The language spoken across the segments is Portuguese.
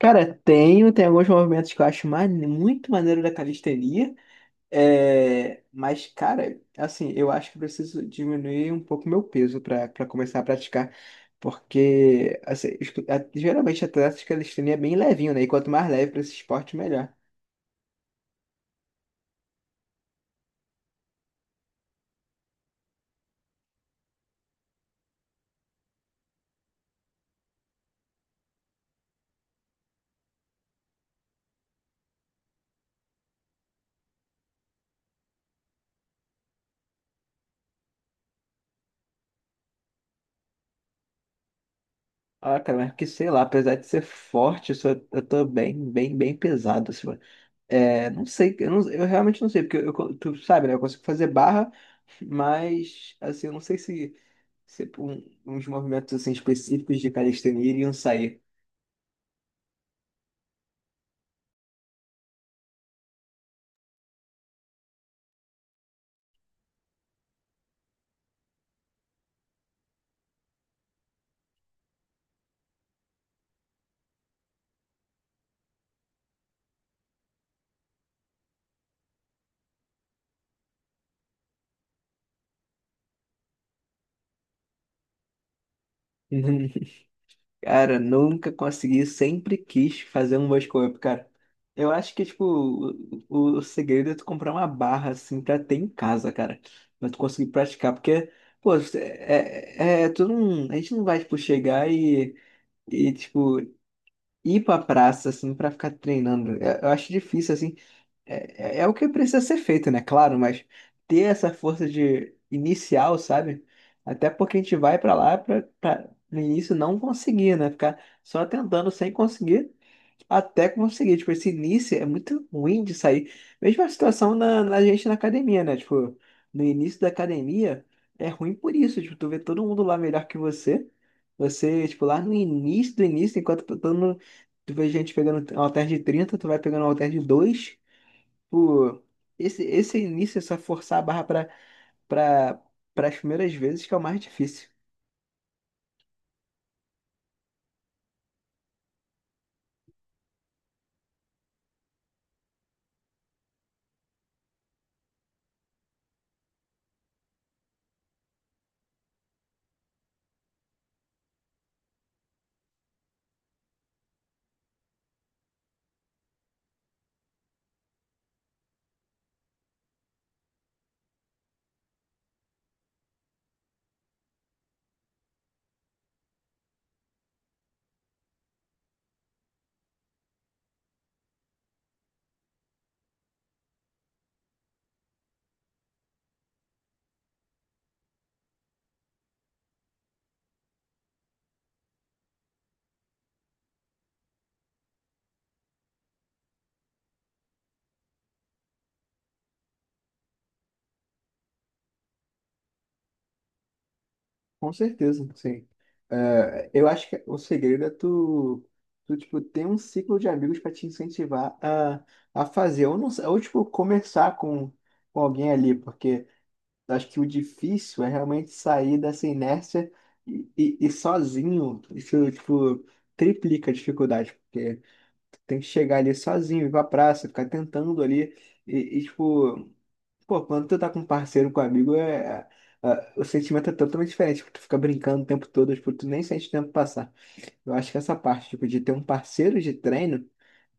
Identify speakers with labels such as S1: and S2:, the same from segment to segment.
S1: Cara, tenho, tem alguns movimentos que eu acho muito maneiro da calistenia, é, mas, cara, assim, eu acho que eu preciso diminuir um pouco meu peso para começar a praticar, porque, assim, geralmente atletas de calistenia é bem levinho, né? E quanto mais leve para esse esporte, melhor. Ah, cara, mas que sei lá, apesar de ser forte, eu tô bem, bem, bem pesado, assim, mano. É, não sei, eu realmente não sei, porque tu sabe, né? Eu consigo fazer barra, mas, assim, eu não sei se. Tipo, uns movimentos assim, específicos de calistenia iriam sair. Cara, nunca consegui, sempre quis fazer um muscle up, cara. Eu acho que, tipo, o segredo é tu comprar uma barra, assim, pra ter em casa, cara. Pra tu conseguir praticar, porque, pô, tu não, a gente não vai, tipo, chegar e, tipo, ir pra praça, assim, pra ficar treinando. Eu acho difícil, assim. É o que precisa ser feito, né? Claro, mas ter essa força de inicial, sabe? Até porque a gente vai pra lá pra no início não conseguir, né? Ficar só tentando sem conseguir até conseguir. Tipo, esse início é muito ruim de sair. Mesma situação na gente na academia, né? Tipo, no início da academia é ruim por isso. Tipo, tu vê todo mundo lá melhor que você. Você, tipo, lá no início do início, enquanto tá todo mundo, tu vê gente pegando um halter de 30, tu vai pegando um halter de 2. Tipo, esse início é só forçar a barra para para as primeiras vezes que é o mais difícil. Com certeza, sim. É, eu acho que o segredo é tu, tu, tipo, ter um ciclo de amigos para te incentivar a fazer. Ou, não, sei- ou tipo, conversar com alguém ali, porque eu acho que o difícil é realmente sair dessa inércia e sozinho. Isso, tipo, triplica a dificuldade, porque tu tem que chegar ali sozinho, ir pra praça, ficar tentando ali. E, tipo, pô, quando tu tá com um parceiro, com um amigo, o sentimento é totalmente diferente. Tipo, tu fica brincando o tempo todo, tipo, tu nem sente o tempo passar. Eu acho que essa parte, tipo, de ter um parceiro de treino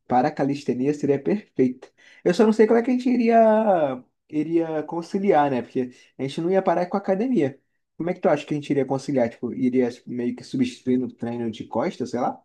S1: para a calistenia seria perfeita. Eu só não sei como é que a gente iria, iria conciliar, né? Porque a gente não ia parar com a academia. Como é que tu acha que a gente iria conciliar? Tipo, iria meio que substituir no treino de costas, sei lá?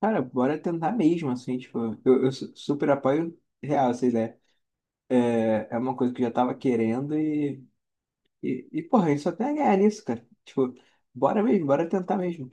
S1: Cara, bora tentar mesmo, assim, tipo, eu super apoio real essa ideia. É, é uma coisa que eu já tava querendo e porra, isso até é ganhar nisso, cara. Tipo, bora mesmo, bora tentar mesmo.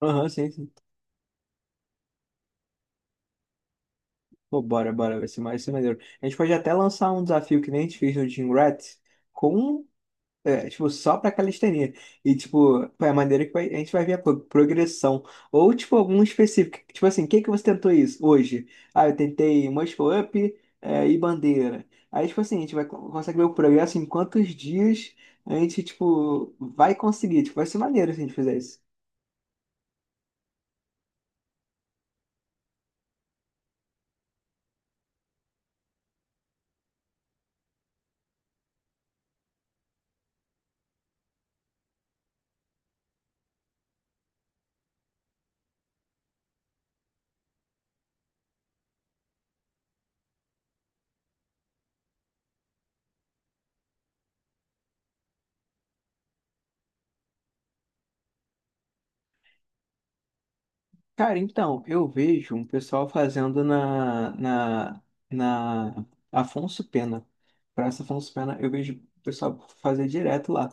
S1: Aham, sim, sim. Pô, bora, bora, vai ser maneiro. A gente pode até lançar um desafio que nem a gente fez no Jim Rats com. É, tipo, só pra calistenia. E, tipo, é a maneira que a gente vai ver a progressão. Ou, tipo, algum específico. Tipo assim, o que que você tentou isso hoje? Ah, eu tentei muscle up, é, e bandeira. Aí, tipo assim, a gente vai, consegue ver o progresso em quantos dias a gente, tipo, vai conseguir. Tipo, vai ser maneiro se a gente fizer isso. Cara, então, eu vejo um pessoal fazendo na Afonso Pena. Praça Afonso Pena, eu vejo o pessoal fazer direto lá.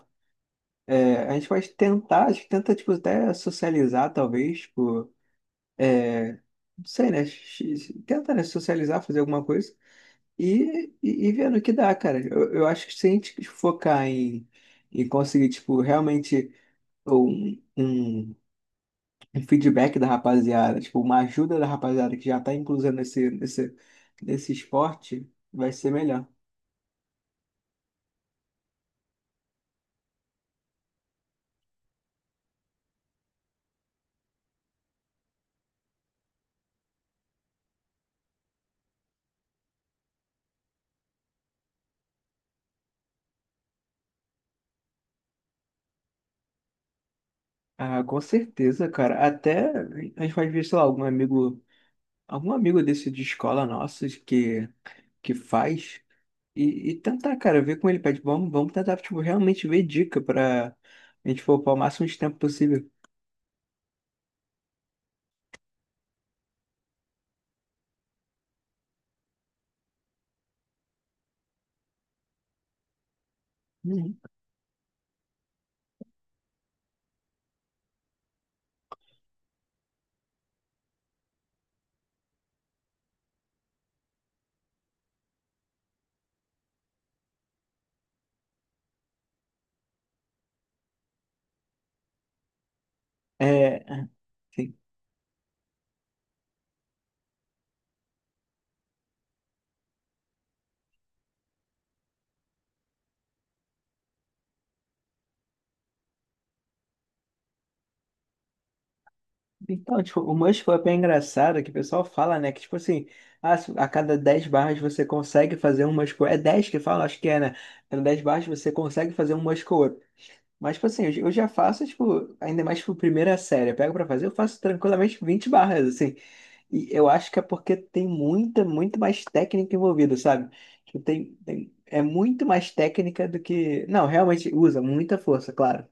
S1: É, a gente pode tentar, a gente tenta, tipo, até socializar, talvez, tipo, é, não sei, né? Tenta, né, socializar, fazer alguma coisa e ver no que dá, cara. Eu acho que se a gente focar em conseguir, tipo, realmente um, um, um feedback da rapaziada, tipo, uma ajuda da rapaziada que já tá inclusa nesse esporte, vai ser melhor. Ah, com certeza, cara. Até a gente pode ver, sei lá, algum amigo desse de escola nosso que faz e tentar, cara, ver como ele pede. Vamos, vamos tentar, tipo, realmente ver dica pra a gente poupar o máximo de tempo possível. Uhum. É, assim, então, tipo, o Mush foi bem engraçado que o pessoal fala, né? Que, tipo assim, ah, se a cada 10 barras você consegue fazer um Mush Pull-up. É 10 que fala, acho que é, né? A cada 10 barras você consegue fazer um Mush Up. Mas, tipo assim, eu já faço, tipo, ainda mais, tipo, primeira série. Eu pego pra fazer, eu faço tranquilamente 20 barras, assim. E eu acho que é porque tem muito mais técnica envolvida, sabe? Tipo, é muito mais técnica do que. Não, realmente usa muita força, claro.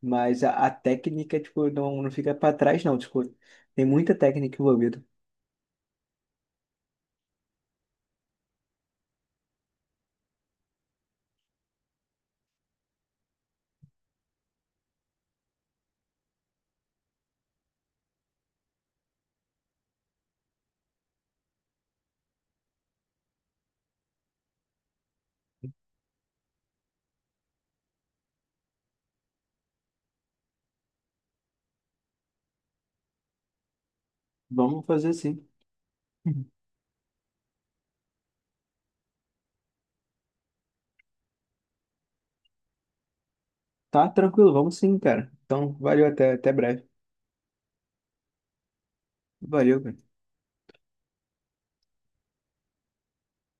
S1: Mas a técnica, tipo, não, não fica pra trás, não. Tipo, tem muita técnica envolvida. Vamos fazer sim. Uhum. Tá tranquilo, vamos sim, cara. Então, valeu, até breve. Valeu, cara.